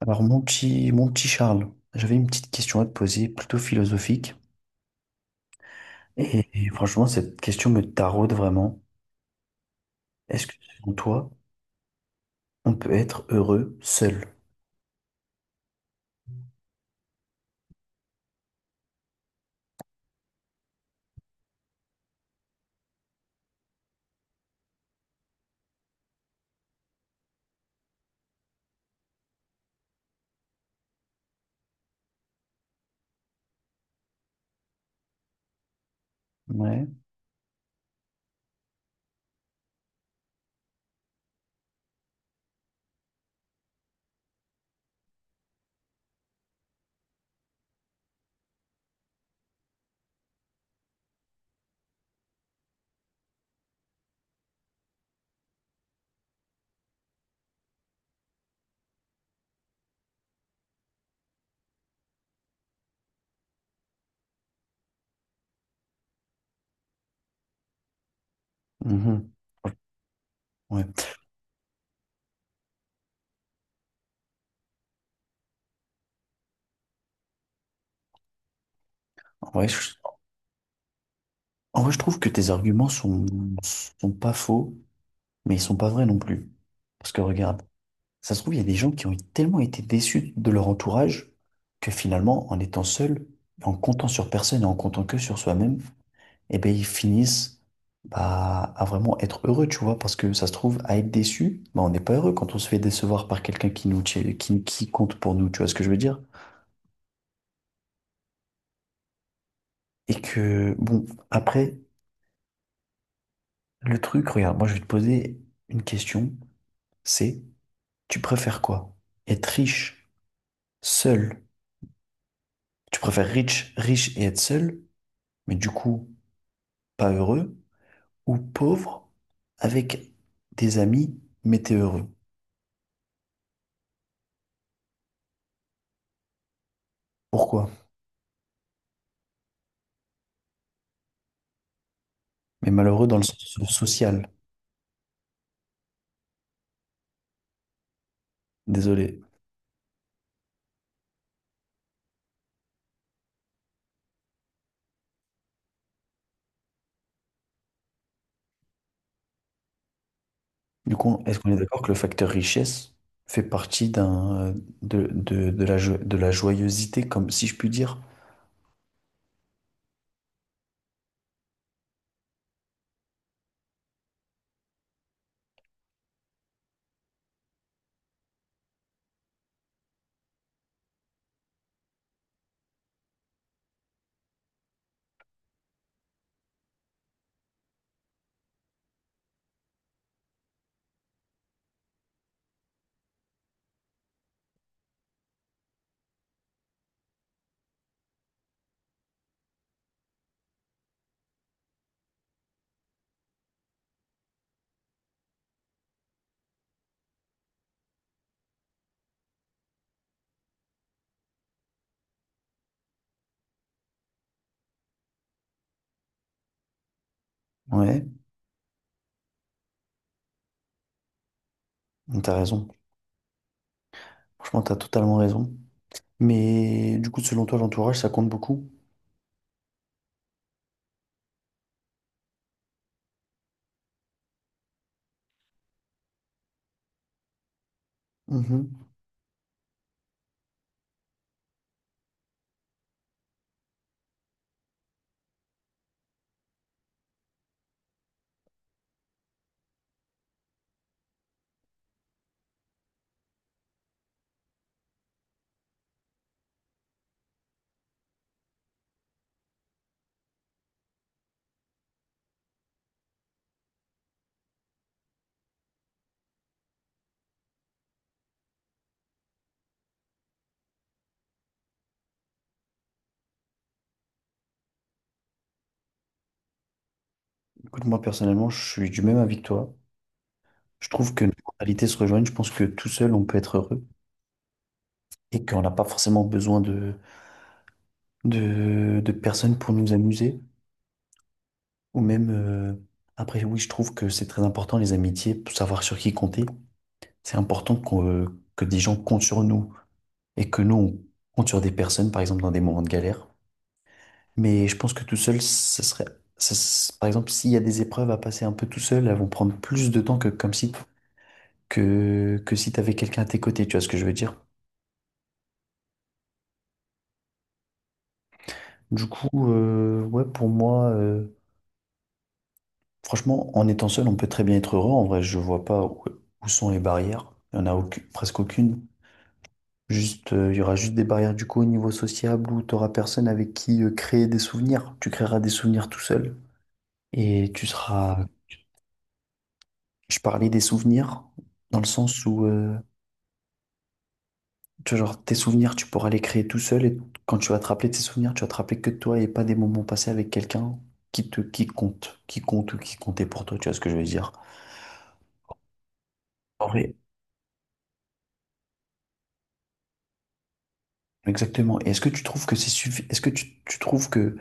Alors, mon petit Charles, j'avais une petite question à te poser, plutôt philosophique. Et franchement, cette question me taraude vraiment. Est-ce que, selon toi, on peut être heureux seul? Ouais. Mhm. Ouais. En vrai, je, En vrai, je trouve que tes arguments sont, sont pas faux, mais ils sont pas vrais non plus. Parce que regarde, ça se trouve, il y a des gens qui ont tellement été déçus de leur entourage que finalement, en étant seul, en comptant sur personne et en comptant que sur soi-même, eh ben, ils finissent bah, à vraiment être heureux, tu vois, parce que ça se trouve, à être déçu, bah, on n'est pas heureux quand on se fait décevoir par quelqu'un qui nous, qui compte pour nous, tu vois ce que je veux dire? Et que, bon, après, le truc, regarde, moi je vais te poser une question, c'est, tu préfères quoi? Être riche, seul? Tu préfères riche, riche et être seul, mais du coup, pas heureux, ou pauvre, avec des amis, mais t'es heureux? Pourquoi? Mais malheureux dans le sens social, désolé. Du coup, est-ce qu'on est d'accord que le facteur richesse fait partie d'un, de la, jo- de la joyeuseté, comme si je puis dire? Ouais, t'as raison. Franchement, t'as totalement raison. Mais du coup, selon toi, l'entourage, ça compte beaucoup? Mhm. Écoute, moi, personnellement, je suis du même avis que toi. Je trouve que nos mentalités se rejoignent. Je pense que tout seul, on peut être heureux et qu'on n'a pas forcément besoin de, de personnes pour nous amuser. Ou même, après, oui, je trouve que c'est très important, les amitiés, pour savoir sur qui compter. C'est important qu'on- que des gens comptent sur nous et que nous, on compte sur des personnes, par exemple, dans des moments de galère. Mais je pense que tout seul, ça serait, ça s- par exemple, s'il y a des épreuves à passer un peu tout seul, elles vont prendre plus de temps que comme si, que si t'avais quelqu'un à tes côtés, tu vois ce que je veux dire? Du coup, ouais, pour moi, franchement, en étant seul, on peut très bien être heureux. En vrai, je vois pas où, où sont les barrières. Il y en a aucune- presque aucune. Juste, il y aura juste des barrières du coup au niveau sociable où tu personne avec qui créer des souvenirs. Tu créeras des souvenirs tout seul. Et tu seras... Je parlais des souvenirs dans le sens où, tu vois, genre, tes souvenirs, tu pourras les créer tout seul. Et quand tu vas te rappeler de tes souvenirs, tu vas te rappeler que de toi et pas des moments passés avec quelqu'un qui te, qui compte ou qui comptait pour toi. Tu vois ce que je veux dire? En vrai, exactement. Et est-ce que tu trouves que c'est suffi- Est-ce que tu trouves que...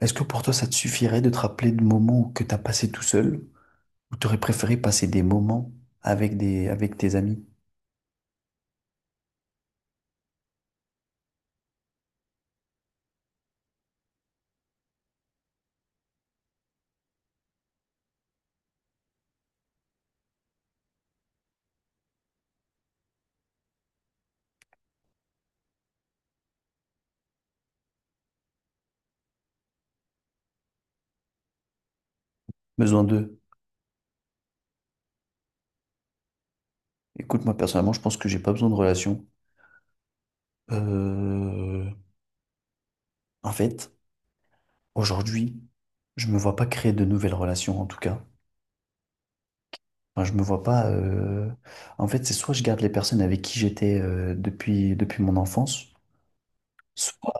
Est-ce que pour toi, ça te suffirait de te rappeler de moments que tu as passé tout seul? Ou t'aurais préféré passer des moments avec des, avec tes amis? Besoin d'eux. Écoute, moi personnellement, je pense que j'ai pas besoin de relations. Euh, en fait, aujourd'hui, je me vois pas créer de nouvelles relations, en tout cas. Enfin, je me vois pas. En fait, c'est soit je garde les personnes avec qui j'étais depuis, depuis mon enfance, soit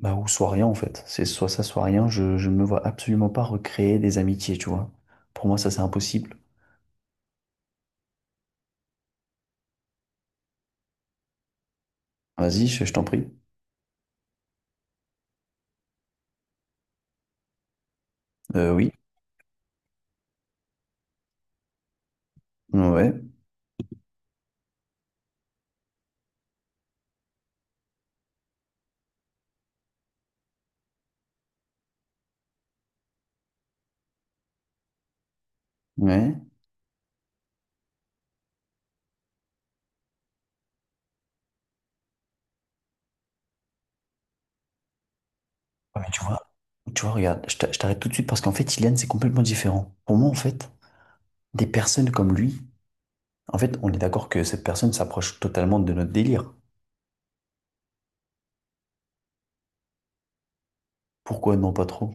bah, ou soit rien en fait. C'est soit ça, soit rien. Je me vois absolument pas recréer des amitiés, tu vois. Pour moi, ça c'est impossible. Vas-y, je t'en prie. Oui. Ouais. Ouais. Ah, mais tu vois, regarde, je t'a- je t'arrête tout de suite parce qu'en fait, Ilian, c'est complètement différent. Pour moi, en fait, des personnes comme lui, en fait, on est d'accord que cette personne s'approche totalement de notre délire. Pourquoi non, pas trop?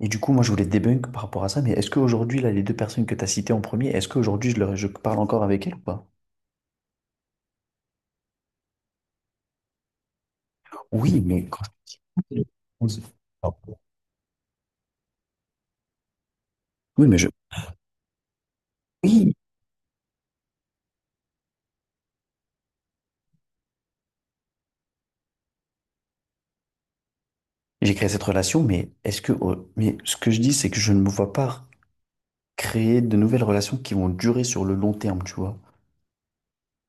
Et du coup, moi, je voulais te débunk par rapport à ça, mais est-ce qu'aujourd'hui, là, les deux personnes que tu as citées en premier, est-ce qu'aujourd'hui, leur- je parle encore avec elles ou pas? Oui, mais quand je- on se- Oui, mais je... Oui, j'ai créé cette relation, mais est-ce que... oh, mais ce que je dis, c'est que je ne me vois pas créer de nouvelles relations qui vont durer sur le long terme, tu vois.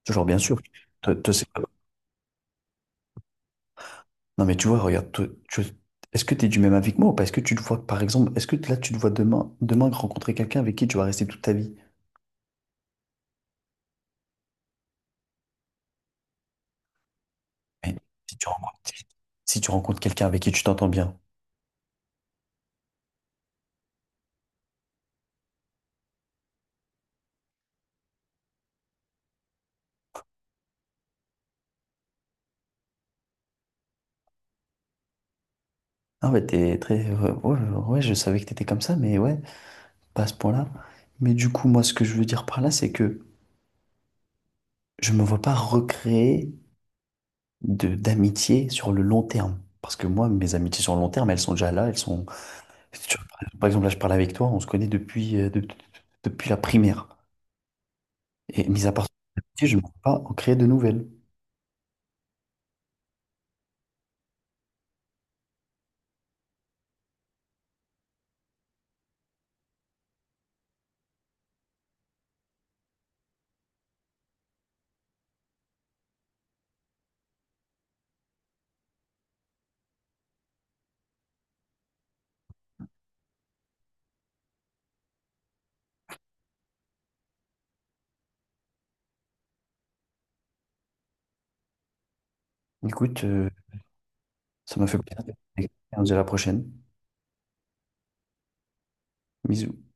Genre, bien sûr, toi, c'est pas- Non, mais tu vois, regarde, toi, tu- est-ce que tu es du même avis que moi ou pas? Est-ce que tu te vois, par exemple, est-ce que là, tu te vois demain, demain rencontrer quelqu'un avec qui tu vas rester toute ta vie? Mais si tu rencontres, si si tu rencontres quelqu'un avec qui tu t'entends bien, ah ouais, t'es très. Ouais, ouais, ouais, je savais que t'étais comme ça, mais ouais, pas à ce point-là. Mais du coup, moi, ce que je veux dire par là, c'est que je me vois pas recréer de d'amitié sur le long terme. Parce que moi, mes amitiés sur le long terme, elles sont déjà là, elles sont. Tu vois, par exemple, là, je parle avec toi, on se connaît depuis, depuis la primaire. Et mis à part ça, je ne peux pas en créer de nouvelles. Écoute, ça m'a fait plaisir. On se dit à la prochaine. Bisous.